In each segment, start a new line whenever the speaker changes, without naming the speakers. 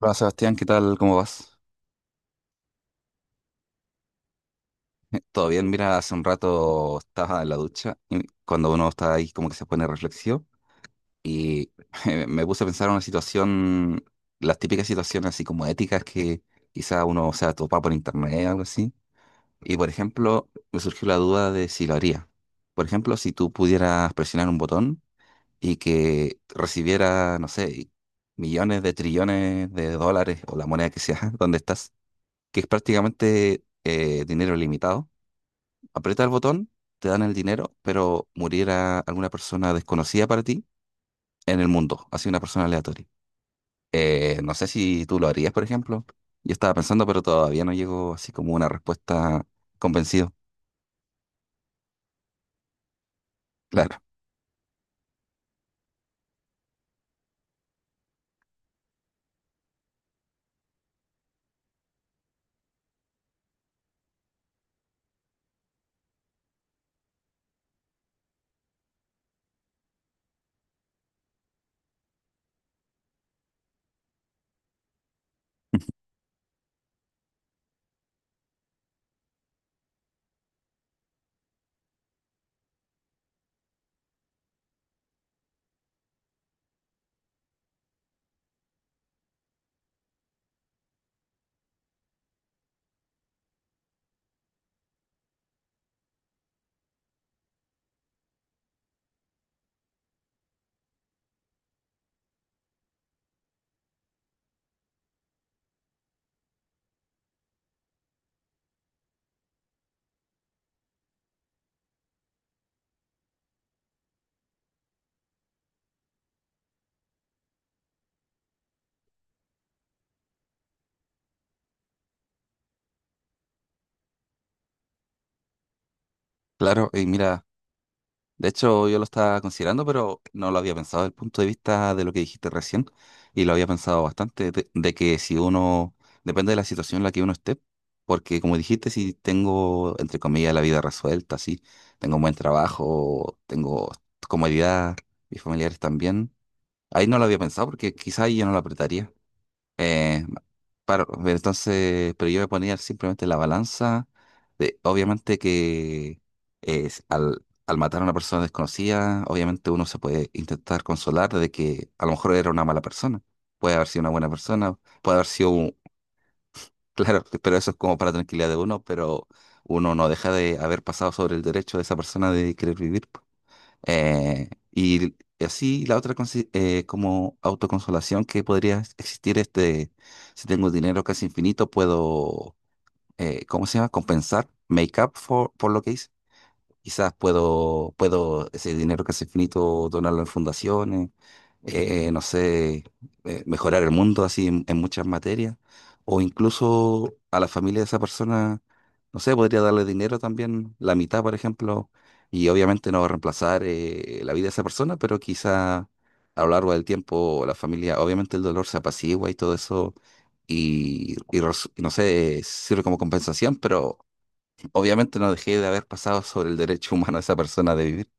Hola Sebastián, ¿qué tal? ¿Cómo vas? Todo bien, mira, hace un rato estaba en la ducha y cuando uno está ahí como que se pone reflexivo y me puse a pensar en una situación, las típicas situaciones así como éticas que quizá uno se topa por internet o algo así. Y por ejemplo, me surgió la duda de si lo haría. Por ejemplo, si tú pudieras presionar un botón y que recibiera, no sé, millones de trillones de dólares o la moneda que sea, ¿dónde estás? Que es prácticamente dinero limitado. Aprieta el botón, te dan el dinero, pero muriera alguna persona desconocida para ti en el mundo, así una persona aleatoria. No sé si tú lo harías, por ejemplo. Yo estaba pensando, pero todavía no llegó así como una respuesta convencido. Claro, claro. Y mira, de hecho, yo lo estaba considerando, pero no lo había pensado desde el punto de vista de lo que dijiste recién, y lo había pensado bastante, de que si uno, depende de la situación en la que uno esté, porque como dijiste, si tengo, entre comillas, la vida resuelta, sí, tengo un buen trabajo, tengo comodidad, mis familiares también, ahí no lo había pensado porque quizá ahí yo no lo apretaría. Eh, Paro, entonces, pero yo voy a poner simplemente la balanza de, obviamente que es al matar a una persona desconocida, obviamente uno se puede intentar consolar de que a lo mejor era una mala persona, puede haber sido una buena persona, puede haber sido un- claro, pero eso es como para tranquilidad de uno, pero uno no deja de haber pasado sobre el derecho de esa persona de querer vivir. Y así como autoconsolación que podría existir es de, si tengo dinero casi infinito, puedo, ¿cómo se llama? Compensar, make up for, por lo que hice. Puedo ese dinero que es infinito donarlo en fundaciones, no sé, mejorar el mundo así en muchas materias, o incluso a la familia de esa persona, no sé, podría darle dinero también, la mitad, por ejemplo, y obviamente no reemplazar la vida de esa persona, pero quizá a lo largo del tiempo la familia, obviamente el dolor se apacigua y todo eso, y, no sé, sirve como compensación, pero obviamente no dejé de haber pasado sobre el derecho humano de esa persona de vivir.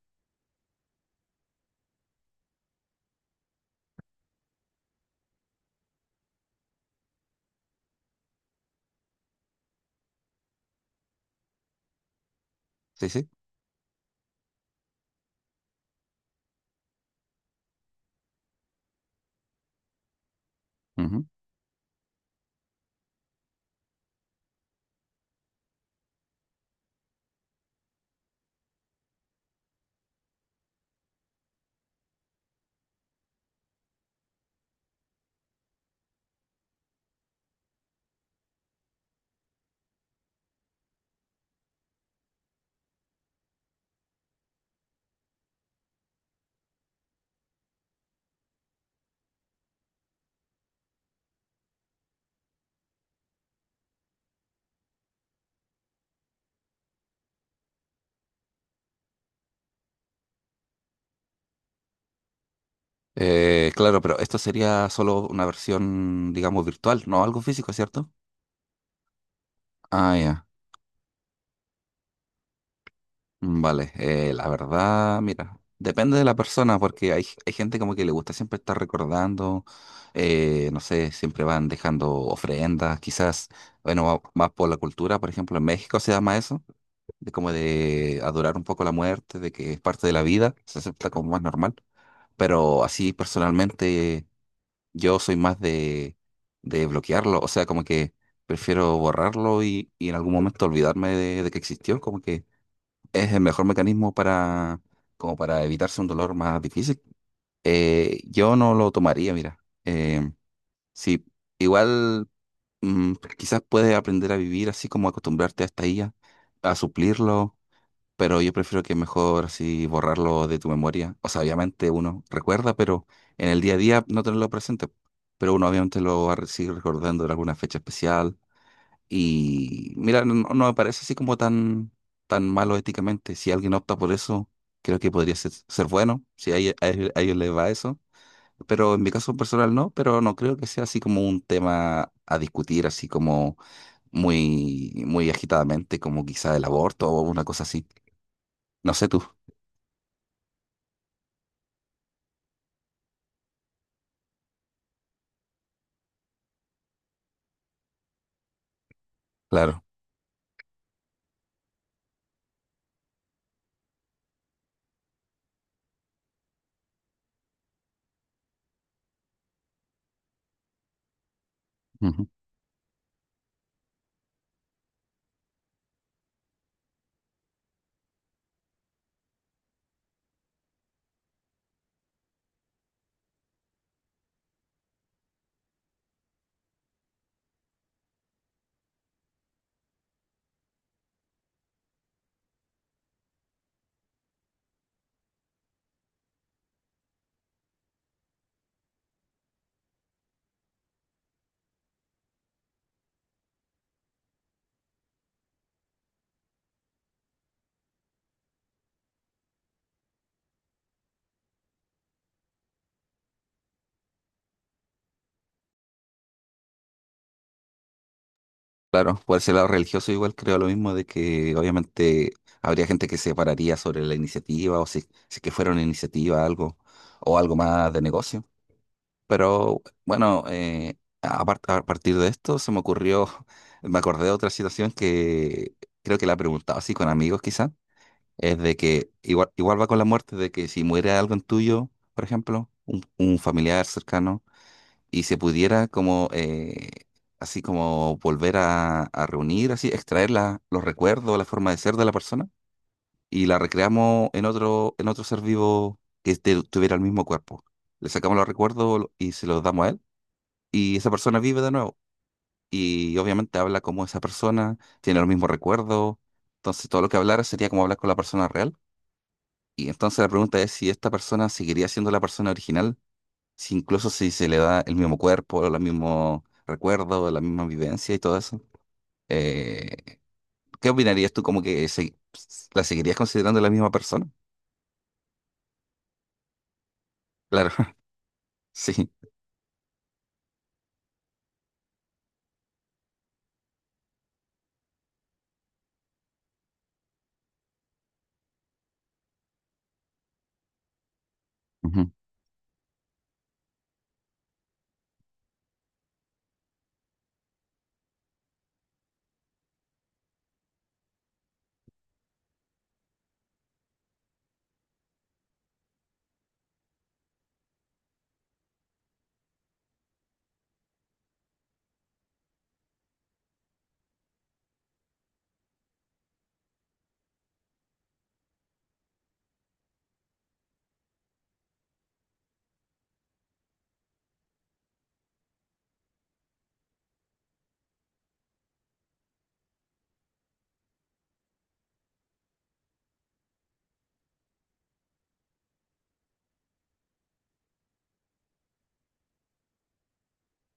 Sí, sí. Ujú. Claro, pero esto sería solo una versión, digamos, virtual, no algo físico, ¿cierto? Ah, ya. Mm, vale. La verdad, mira, depende de la persona, porque hay gente como que le gusta siempre estar recordando, no sé, siempre van dejando ofrendas, quizás, bueno, más por la cultura, por ejemplo, en México se llama eso, de como de adorar un poco la muerte, de que es parte de la vida, se acepta como más normal. Pero así personalmente yo soy más de bloquearlo, o sea, como que prefiero borrarlo y en algún momento olvidarme de que existió, como que es el mejor mecanismo para, como para evitarse un dolor más difícil. Yo no lo tomaría, mira. Eh, sí, igual mm, quizás puedes aprender a vivir así como acostumbrarte a esta IA, a suplirlo pero yo prefiero que mejor así borrarlo de tu memoria. O sea, obviamente uno recuerda, pero en el día a día no tenerlo presente. Pero uno obviamente lo va a seguir recordando en alguna fecha especial. Y mira, no, no me parece así como tan, tan malo éticamente. Si alguien opta por eso, creo que podría ser bueno, si a ellos les va eso. Pero en mi caso personal no, pero no creo que sea así como un tema a discutir, así como muy, muy agitadamente, como quizá el aborto o una cosa así. No sé tú, claro. Ujú. Claro, por ese lado religioso igual creo lo mismo de que obviamente habría gente que se pararía sobre la iniciativa o si, si que fuera una iniciativa algo o algo más de negocio. Pero bueno, a partir de esto se me ocurrió, me acordé de otra situación que creo que la he preguntado así con amigos quizá, es de que igual, igual va con la muerte, de que si muere algo tuyo, por ejemplo, un familiar cercano y se pudiera como así como volver a reunir, así extraer los recuerdos, la forma de ser de la persona y la recreamos en otro en otro ser vivo que tuviera el mismo cuerpo. Le sacamos los recuerdos y se los damos a él y esa persona vive de nuevo y obviamente habla como esa persona, tiene los mismos recuerdos, entonces todo lo que hablara sería como hablar con la persona real. Y entonces la pregunta es si esta persona seguiría siendo la persona original si incluso si se le da el mismo cuerpo, los mismos recuerdos, la misma vivencia y todo eso. Eh, ¿Qué opinarías tú como la seguirías considerando la misma persona? Claro, sí. Ujú.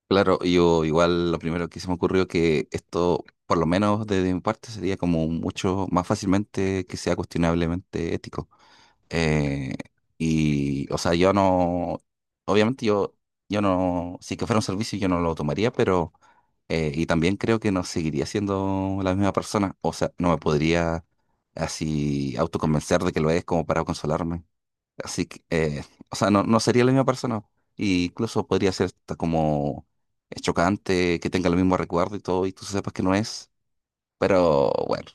Claro, yo igual lo primero que se me ocurrió que esto, por lo menos desde mi parte, sería como mucho más fácilmente que sea cuestionablemente ético. Eh, o sea, yo no, obviamente yo no, si que fuera un servicio yo no lo tomaría, pero, y también creo que no seguiría siendo la misma persona, o sea, no me podría así autoconvencer de que lo es como para consolarme. Así que, o sea, no, no sería la misma persona, y incluso podría ser hasta como chocante que tenga el mismo recuerdo y todo, y tú sepas que no es, pero bueno.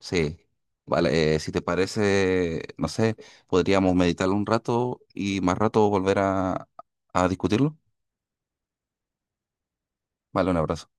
Sí, vale, si te parece, no sé, podríamos meditarlo un rato y más rato volver a discutirlo. Vale, un abrazo.